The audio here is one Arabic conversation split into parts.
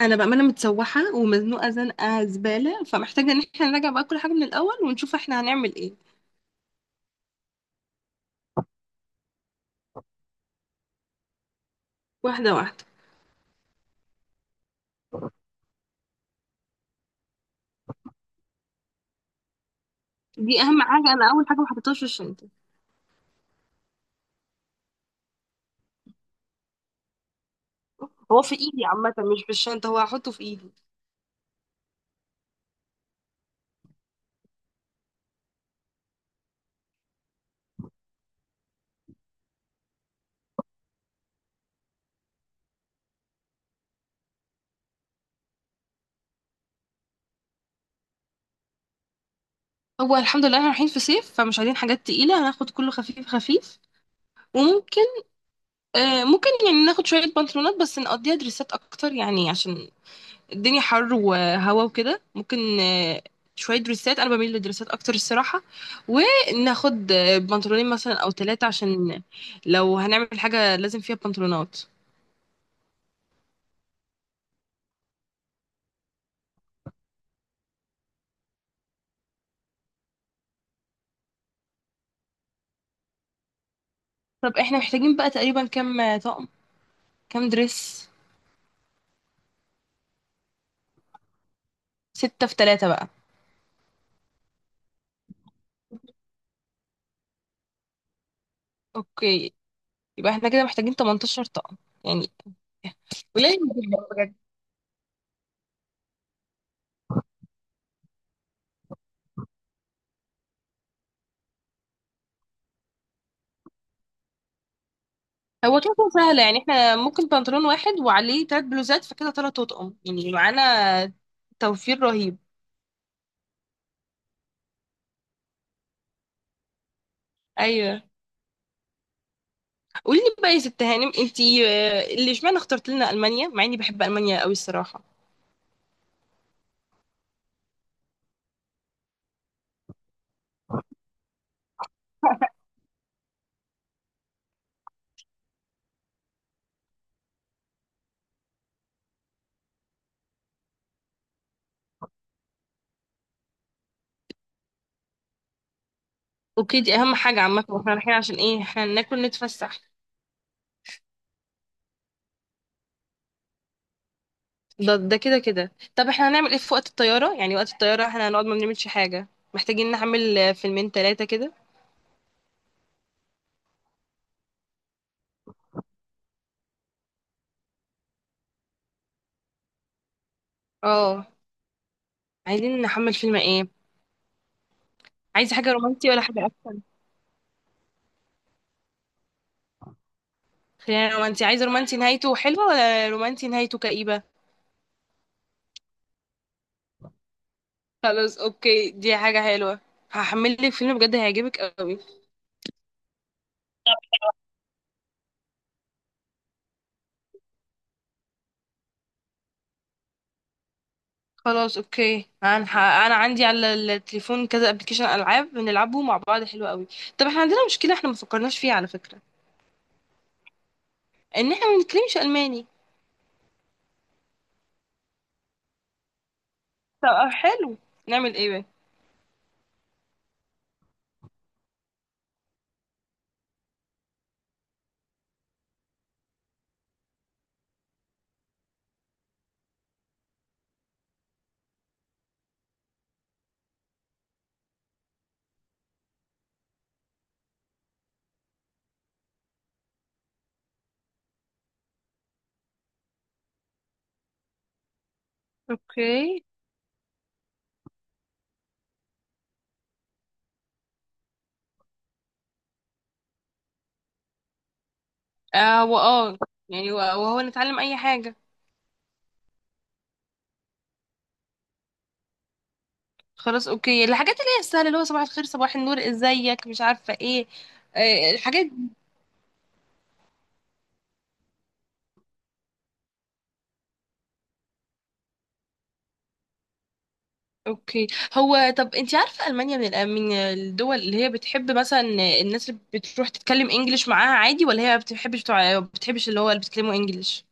انا بقى، متسوحه ومزنوقه زنقه زباله، فمحتاجه ان احنا نراجع بقى كل حاجه من الاول ونشوف احنا هنعمل ايه. واحده واحده. دي اهم حاجه، انا اول حاجه ما حطيتهاش في الشنطه. هو في ايدي عامه، مش في الشنطه، هو هحطه في ايدي. هو الحمد لله احنا رايحين في صيف فمش عايزين حاجات تقيله، هناخد كله خفيف خفيف. وممكن، ممكن يعني ناخد شويه بنطلونات بس نقضيها دريسات اكتر يعني عشان الدنيا حر وهوا وكده ممكن. شوية دريسات، أنا بميل للدريسات أكتر الصراحة. وناخد بنطلونين مثلا أو ثلاثة عشان لو هنعمل حاجة لازم فيها بنطلونات. طب احنا محتاجين بقى تقريبا كام طقم؟ كام دريس؟ ستة في ثلاثة بقى. أوكي، يبقى احنا كده محتاجين 18 طقم، يعني قليل جدا بجد. هو كده كده سهلة يعني، احنا ممكن بنطلون واحد وعليه تلات بلوزات فكده تلات أطقم يعني معانا، توفير رهيب. أيوه. قولي لي بقى يا ست هانم، انتي اللي اشمعنى اخترت لنا المانيا، مع اني بحب المانيا قوي الصراحه. اوكي، دي اهم حاجه عامه، واحنا رايحين عشان ايه؟ احنا ناكل نتفسح. ده كده كده. طب احنا هنعمل ايه في وقت الطياره؟ يعني وقت الطياره احنا هنقعد ما بنعملش حاجه، محتاجين نعمل فيلمين ثلاثه كده. اه، عايزين نحمل فيلم ايه؟ عايزه حاجه رومانتي ولا حاجه اكشن؟ خلينا رومانتي. عايزه رومانتي نهايته حلوه ولا رومانتي نهايته كئيبه؟ خلاص اوكي، دي حاجه حلوه. هحمل لك فيلم بجد هيعجبك قوي. خلاص اوكي، انا عندي على التليفون كذا ابلكيشن العاب بنلعبه مع بعض حلو قوي. طب احنا عندنا مشكله احنا ما فكرناش فيها على فكره، ان احنا ما بنتكلمش الماني. طب حلو، نعمل ايه بقى؟ اوكي. اه واه، يعني وهو نتعلم اي حاجه. خلاص اوكي، الحاجات اللي هي السهله، اللي هو صباح الخير صباح النور ازيك مش عارفه ايه، الحاجات. اوكي. هو طب انت عارفه المانيا من الدول اللي هي بتحب مثلا الناس اللي بتروح تتكلم انجليش معاها عادي، ولا هي ما بتحبش، بتوع بتحبش اللي هو اللي بيتكلموا انجليش؟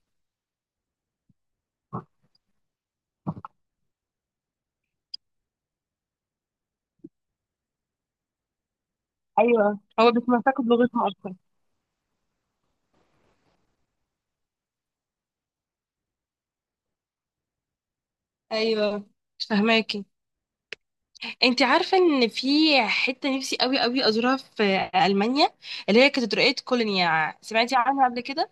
ايوه، هو بيتمسكوا بلغتهم اكتر. ايوه. مش فاهماكي. انت عارفه ان في حته نفسي قوي قوي ازورها في المانيا، اللي هي كاتدرائيه كولونيا، سمعتي عنها قبل كده؟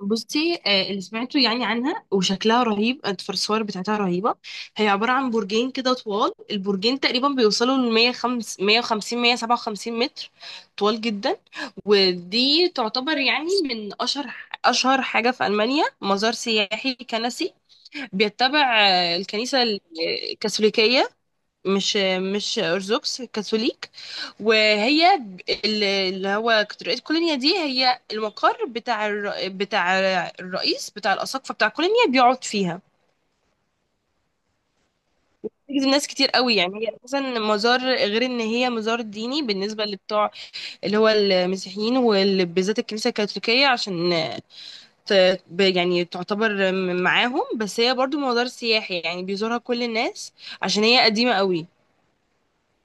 بصي، اللي سمعته يعني عنها وشكلها رهيب، الصور بتاعتها رهيبة. هي عبارة عن برجين كده طوال، البرجين تقريبا بيوصلوا ل 150 157 متر، طوال جدا. ودي تعتبر يعني من أشهر حاجة في ألمانيا، مزار سياحي كنسي، بيتبع الكنيسة الكاثوليكية. مش مش ارثوذكس، كاثوليك. وهي اللي هو كاتدرائية كولينيا دي هي المقر بتاع الرئيس بتاع الاساقفه بتاع كولينيا بيقعد فيها. بيجذب ناس كتير قوي، يعني هي اساسا مزار، غير ان هي مزار ديني بالنسبه لبتوع اللي هو المسيحيين وبالذات الكنيسه الكاثوليكيه، عشان ت... يعني تعتبر معاهم، بس هي برضو مزار سياحي يعني بيزورها كل الناس، عشان هي قديمه قوي.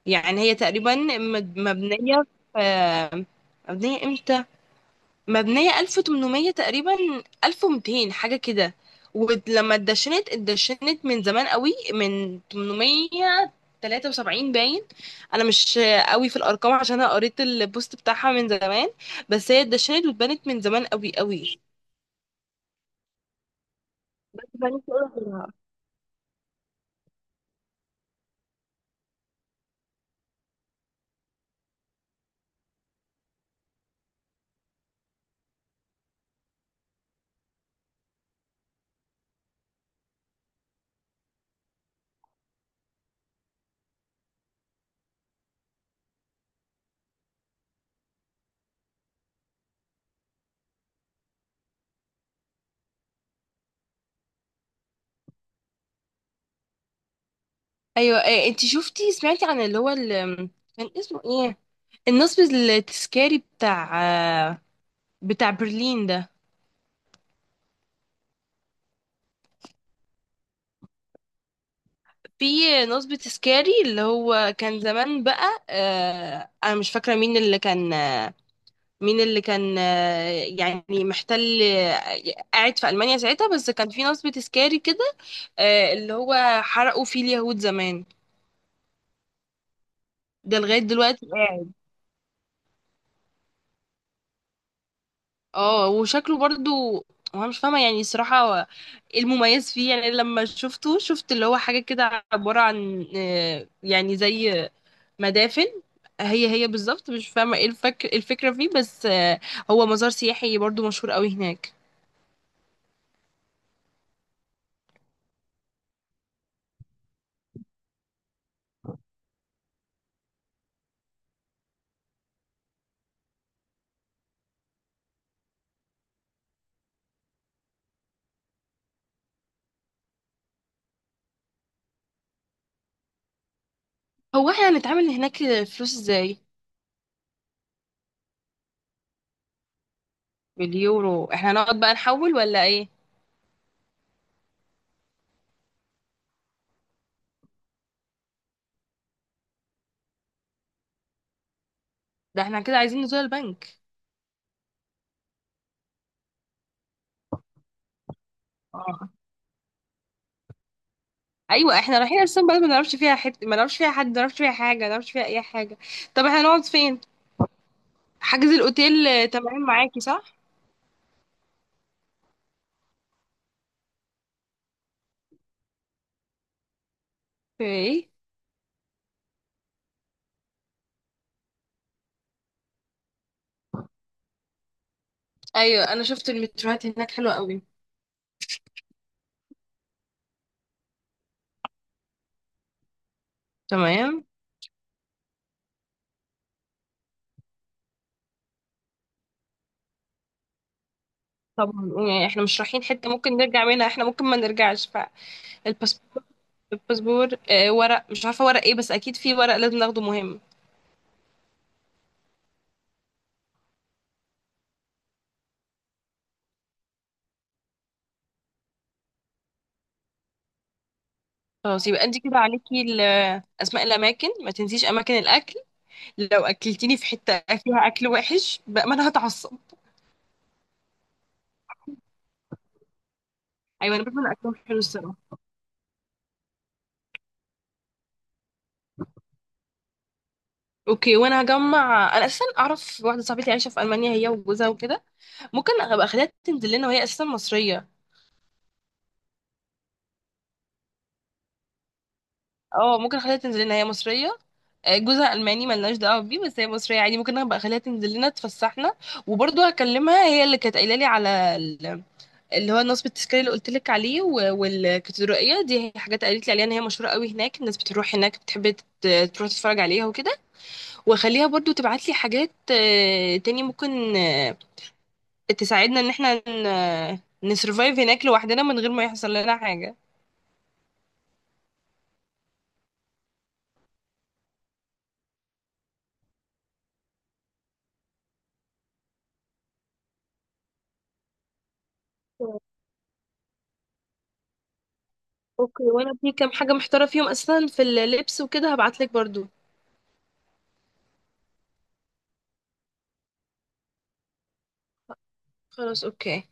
يعني هي تقريبا مبنية في، مبنية امتى؟ مبنية 1800 تقريبا، 1200 حاجة كده. ولما اتدشنت من زمان قوي، من 873 باين. انا مش قوي في الارقام عشان انا قريت البوست بتاعها من زمان، بس هي اتدشنت واتبنت من زمان قوي قوي. بنت أولها. ايوه، إيه، انت شفتي سمعتي عن اللي هو كان اسمه ايه، النصب التذكاري بتاع برلين ده؟ في نصبة سكاري اللي هو كان زمان بقى، انا مش فاكره مين اللي كان مين اللي كان يعني محتل، قاعد في المانيا ساعتها، بس كان في نصبة سكاري كده. آه، اللي هو حرقوا فيه اليهود زمان. ده لغايه دلوقتي قاعد. اه، وشكله برضو، وانا مش فاهمه يعني الصراحه هو ايه المميز فيه؟ يعني لما شفته شفت اللي هو حاجه كده عباره عن، يعني زي مدافن. هي هي بالظبط، مش فاهمة ايه الفكرة فيه، بس هو مزار سياحي برضو مشهور قوي هناك. هو احنا هنتعامل هناك فلوس ازاي؟ باليورو. احنا هنقعد بقى نحول ولا ايه؟ ده احنا كده عايزين نزور البنك. اه، ايوه، احنا رايحين اصلا بلد ما نعرفش فيها حته، ما نعرفش فيها حد، ما نعرفش فيها حاجه، ما نعرفش فيها اي حاجه. طب احنا نقعد فين؟ حجز الاوتيل تمام معاكي صح؟ في ايه؟ ايوه، انا شفت المتروهات هناك حلوه قوي. تمام. طب يعني احنا مش رايحين حته ممكن نرجع منها، احنا ممكن ما نرجعش. الباسبور، الباسبور، ورق، مش عارفه ورق ايه، بس اكيد في ورق لازم ناخده مهم. خلاص، يبقى انت كده عليكي اسماء الاماكن، ما تنسيش اماكن الاكل، لو اكلتيني في حته فيها اكل وحش بقى ما انا هتعصب. ايوه، انا باكل اكلهم حلو الصراحه. اوكي، وانا هجمع، انا اساسا اعرف واحده صاحبتي عايشه في المانيا هي وجوزها وكده، ممكن ابقى اخليها تنزل لنا وهي اساسا مصريه. اه، ممكن اخليها تنزل لنا، هي مصريه، جوزها الماني ملناش دعوه بيه، بس هي مصريه عادي، ممكن ابقى اخليها تنزل لنا تفسحنا. وبرضه هكلمها، هي اللي كانت قايله لي على اللي هو نصب التذكاري اللي قلت لك عليه، والكاتدرائيه دي، هي حاجات قالت لي عليها ان هي مشهوره قوي هناك، الناس بتروح هناك بتحب تروح تتفرج عليها وكده. واخليها برضه تبعت لي حاجات تاني، ممكن تساعدنا ان احنا نسرفايف هناك لوحدنا من غير ما يحصل لنا حاجه. اوكي، وانا في كام حاجة محتارة فيهم اصلا في اللبس وكده، هبعتلك برضو. خلاص اوكي.